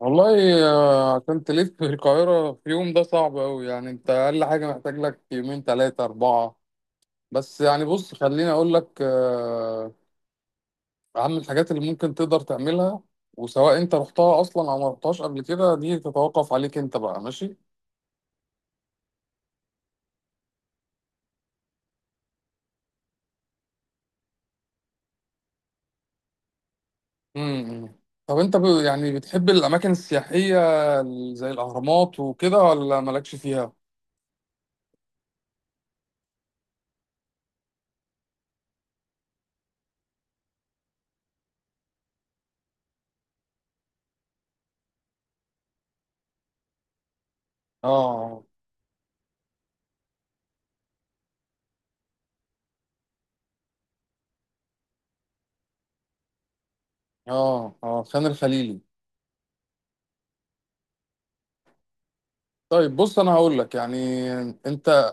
والله عشان تلف في القاهرة في يوم ده صعب أوي. يعني أنت أقل حاجة محتاج لك يومين تلاتة أربعة. بس يعني بص خليني أقول لك أهم الحاجات اللي ممكن تقدر تعملها. وسواء أنت رحتها أصلا أو ما رحتهاش قبل كده دي تتوقف عليك أنت بقى. ماشي؟ مم. طب أنت يعني بتحب الأماكن السياحية زي الأهرامات وكده ولا مالكش فيها؟ آه، آه، آه، خان الخليلي. طيب بص أنا هقول لك يعني. أنت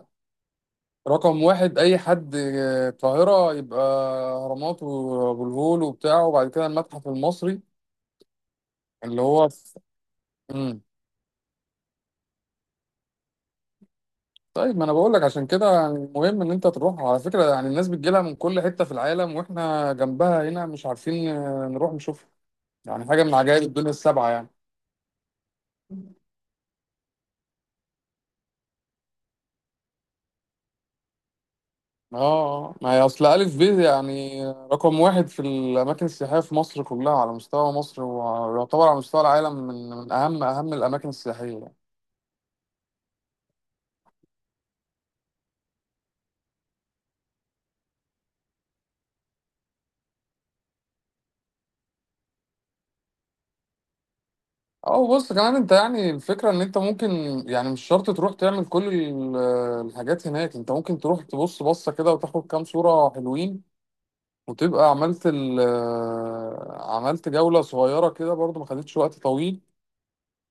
رقم 1 أي حد القاهرة يبقى أهرامات وأبو الهول وبتاع. وبعد كده المتحف المصري اللي هو مم. طيب ما أنا بقول لك عشان كده. يعني مهم إن أنت تروح، على فكرة. يعني الناس بتجيلها من كل حتة في العالم وإحنا جنبها هنا مش عارفين نروح نشوفها. يعني حاجة من عجائب الدنيا السبعة يعني. آه، آه. ما هي أصل ألف ب يعني رقم 1 في الأماكن السياحية في مصر كلها، على مستوى مصر، ويعتبر على مستوى العالم من أهم الأماكن السياحية. اه، بص كمان انت يعني الفكرة ان انت ممكن. يعني مش شرط تروح تعمل كل الحاجات هناك. انت ممكن تروح تبص بصة كده وتاخد كام صورة حلوين وتبقى عملت عملت جولة صغيرة كده برضو، ما خدتش وقت طويل.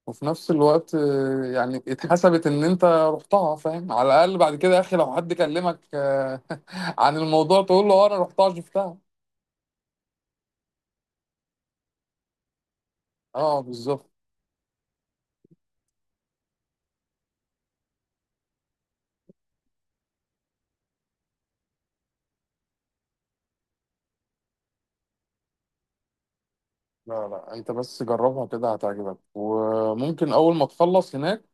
وفي نفس الوقت يعني اتحسبت ان انت رحتها. فاهم؟ على الاقل بعد كده يا اخي لو حد كلمك عن الموضوع تقول له اه انا رحتها شفتها. اه، بالظبط. لا لا، انت بس جربها كده هتعجبك. وممكن اول ما تخلص هناك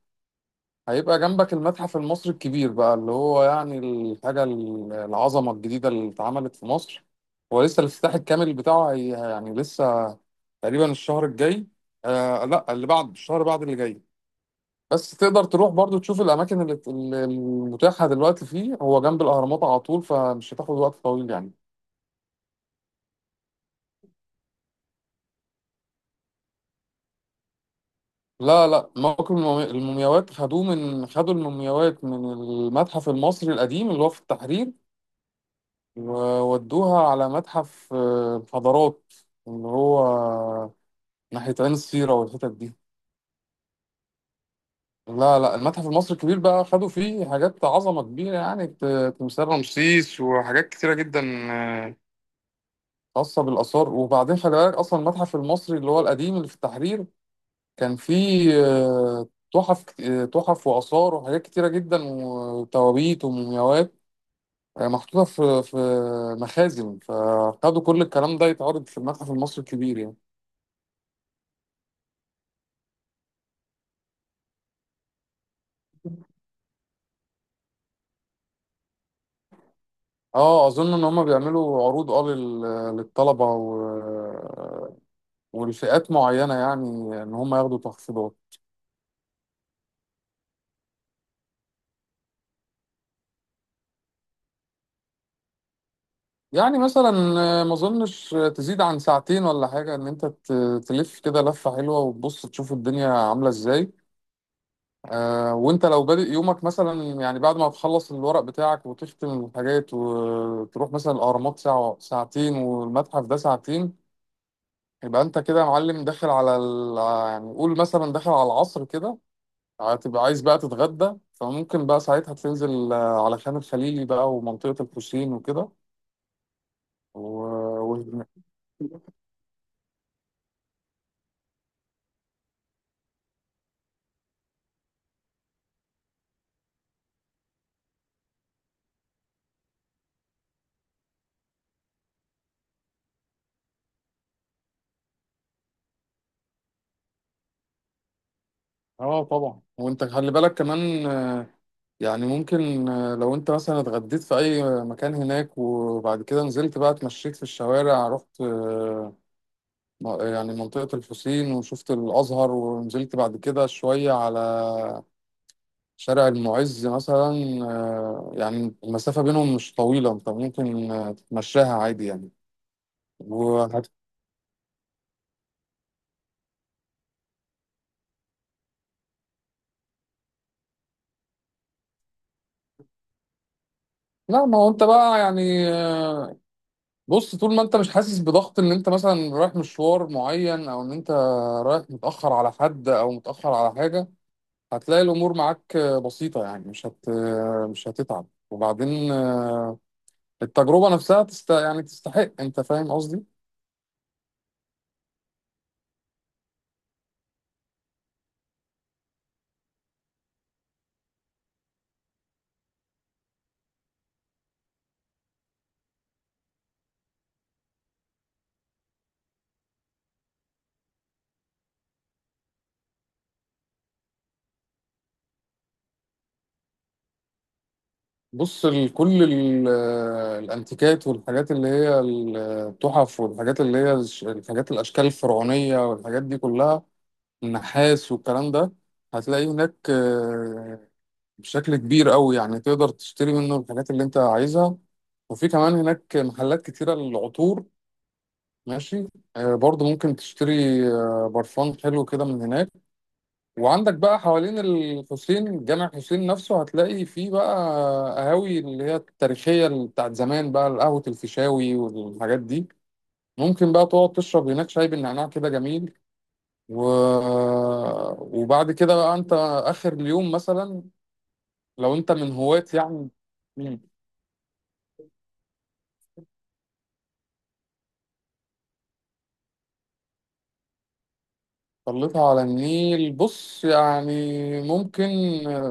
هيبقى جنبك المتحف المصري الكبير بقى اللي هو يعني الحاجة العظمة الجديدة اللي اتعملت في مصر. هو لسه الافتتاح الكامل بتاعه، هي يعني لسه تقريبا الشهر الجاي. لا، اللي بعد الشهر بعد اللي جاي. بس تقدر تروح برضو تشوف الأماكن اللي المتاحة دلوقتي فيه. هو جنب الأهرامات على طول، فمش هتاخد وقت طويل يعني. لا لا، موكب المومياوات خدوه من خدوا المومياوات من المتحف المصري القديم اللي هو في التحرير. وودوها على متحف حضارات، اللي هو ناحية عين السيرة والحتت دي. لا لا، المتحف المصري الكبير بقى خدوا فيه حاجات عظمة كبيرة. يعني تمثال رمسيس وحاجات كتيرة جدا آه، خاصة بالآثار. وبعدين خلي بالك، أصلا المتحف المصري اللي هو القديم اللي في التحرير كان فيه تحف كت- آه، تحف وآثار وحاجات كتيرة جدا، وتوابيت ومومياوات محطوطة في مخازن. فخدوا كل الكلام ده يتعرض في المتحف المصري الكبير يعني. اه، اظن ان هم بيعملوا عروض، للطلبه والفئات معينه يعني، ان هم ياخدوا تخفيضات. يعني مثلا ما اظنش تزيد عن ساعتين ولا حاجه. ان انت تلف كده لفه حلوه وتبص تشوف الدنيا عامله ازاي. وانت لو بادئ يومك مثلا، يعني بعد ما تخلص الورق بتاعك وتختم الحاجات وتروح مثلا الاهرامات ساعه ساعتين والمتحف ده ساعتين. يبقى انت كده يا معلم داخل على يعني قول مثلا داخل على العصر كده. هتبقى عايز بقى تتغدى. فممكن بقى ساعتها تنزل على خان الخليلي بقى ومنطقة الحسين وكده. و... و... اه، طبعا. وانت خلي بالك كمان يعني ممكن لو انت مثلا اتغديت في اي مكان هناك وبعد كده نزلت بقى اتمشيت في الشوارع، رحت يعني منطقة الحسين وشفت الازهر ونزلت بعد كده شوية على شارع المعز مثلا. يعني المسافة بينهم مش طويلة. انت ممكن تتمشاها عادي يعني. وهت... لا، ما هو انت بقى يعني بص، طول ما انت مش حاسس بضغط ان انت مثلا رايح مشوار معين، او ان انت رايح متأخر على حد او متأخر على حاجة، هتلاقي الامور معاك بسيطة يعني. مش هتتعب. وبعدين التجربة نفسها يعني تستحق. انت فاهم قصدي؟ بص، كل الانتيكات والحاجات اللي هي التحف والحاجات اللي هي الحاجات، الاشكال الفرعونية والحاجات دي كلها، النحاس والكلام ده، هتلاقي هناك بشكل كبير قوي. يعني تقدر تشتري منه الحاجات اللي انت عايزها. وفي كمان هناك محلات كتيرة للعطور. ماشي؟ برضو ممكن تشتري برفان حلو كده من هناك. وعندك بقى حوالين الحسين، جامع حسين نفسه، هتلاقي فيه بقى قهاوي اللي هي التاريخية اللي بتاعت زمان، بقى قهوة الفيشاوي والحاجات دي. ممكن بقى تقعد تشرب هناك شاي بالنعناع كده جميل. و... وبعد كده بقى انت اخر اليوم مثلا، لو انت من هواة يعني. مم. طلتها على النيل؟ بص يعني ممكن.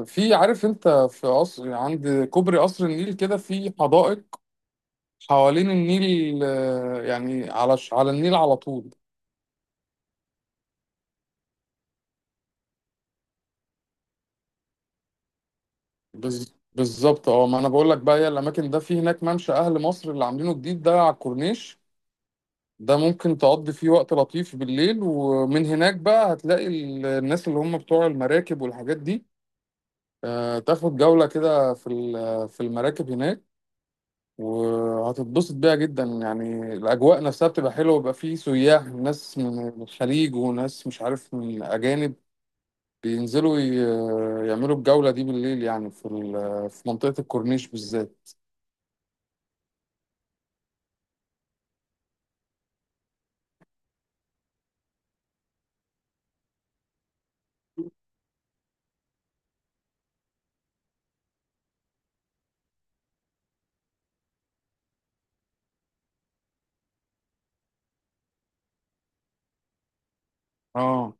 في، عارف انت، في قصر عند كوبري قصر النيل كده، في حدائق حوالين النيل يعني على على النيل على طول. بالظبط. اه ما انا بقول لك بقى هي الاماكن ده. في هناك ممشى اهل مصر اللي عاملينه جديد ده على الكورنيش. ده ممكن تقضي فيه وقت لطيف بالليل. ومن هناك بقى هتلاقي الناس اللي هم بتوع المراكب والحاجات دي. تاخد جولة كده في في المراكب هناك. وهتتبسط بيها جدا. يعني الأجواء نفسها بتبقى حلوة، ويبقى فيه سياح ناس من الخليج وناس مش عارف من أجانب بينزلوا يعملوا الجولة دي بالليل يعني في في منطقة الكورنيش بالذات. اه،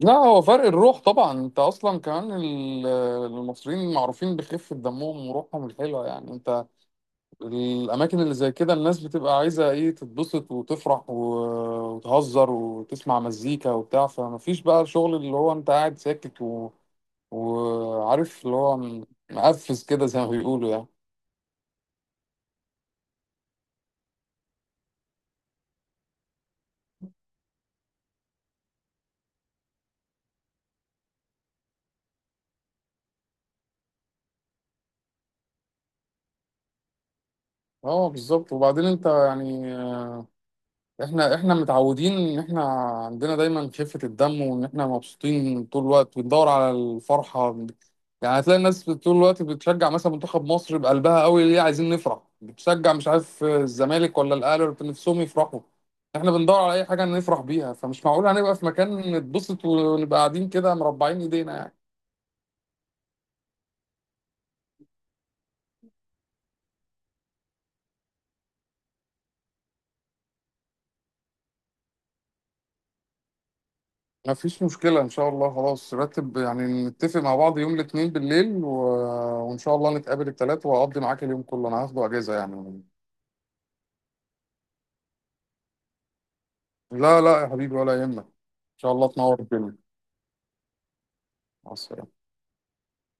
لا هو فرق الروح طبعا. انت اصلا كمان المصريين معروفين بخفة دمهم وروحهم الحلوة. يعني انت، الاماكن اللي زي كده الناس بتبقى عايزة ايه؟ تتبسط وتفرح وتهزر وتسمع مزيكا وبتاع. فمفيش بقى شغل اللي هو انت قاعد ساكت. وعارف اللي هو مقفز كده، زي ما بيقولوا يعني. اه، بالظبط. وبعدين انت يعني، احنا متعودين ان احنا عندنا دايما خفة الدم، وان احنا مبسوطين طول الوقت بندور على الفرحة. يعني هتلاقي الناس طول الوقت بتشجع مثلا منتخب مصر بقلبها قوي. ليه؟ عايزين نفرح. بتشجع مش عارف الزمالك ولا الاهلي ولا نفسهم يفرحوا. احنا بندور على اي حاجة نفرح بيها. فمش معقول هنبقى في مكان نتبسط ونبقى قاعدين كده مربعين ايدينا يعني. مفيش مشكلة، إن شاء الله. خلاص رتب يعني. نتفق مع بعض يوم الاثنين بالليل. وإن شاء الله نتقابل الثلاث، وأقضي معاك اليوم كله. أنا هاخده أجازة يعني. لا لا يا حبيبي، ولا يهمك. ان شاء الله تنور الدنيا. مع السلامة.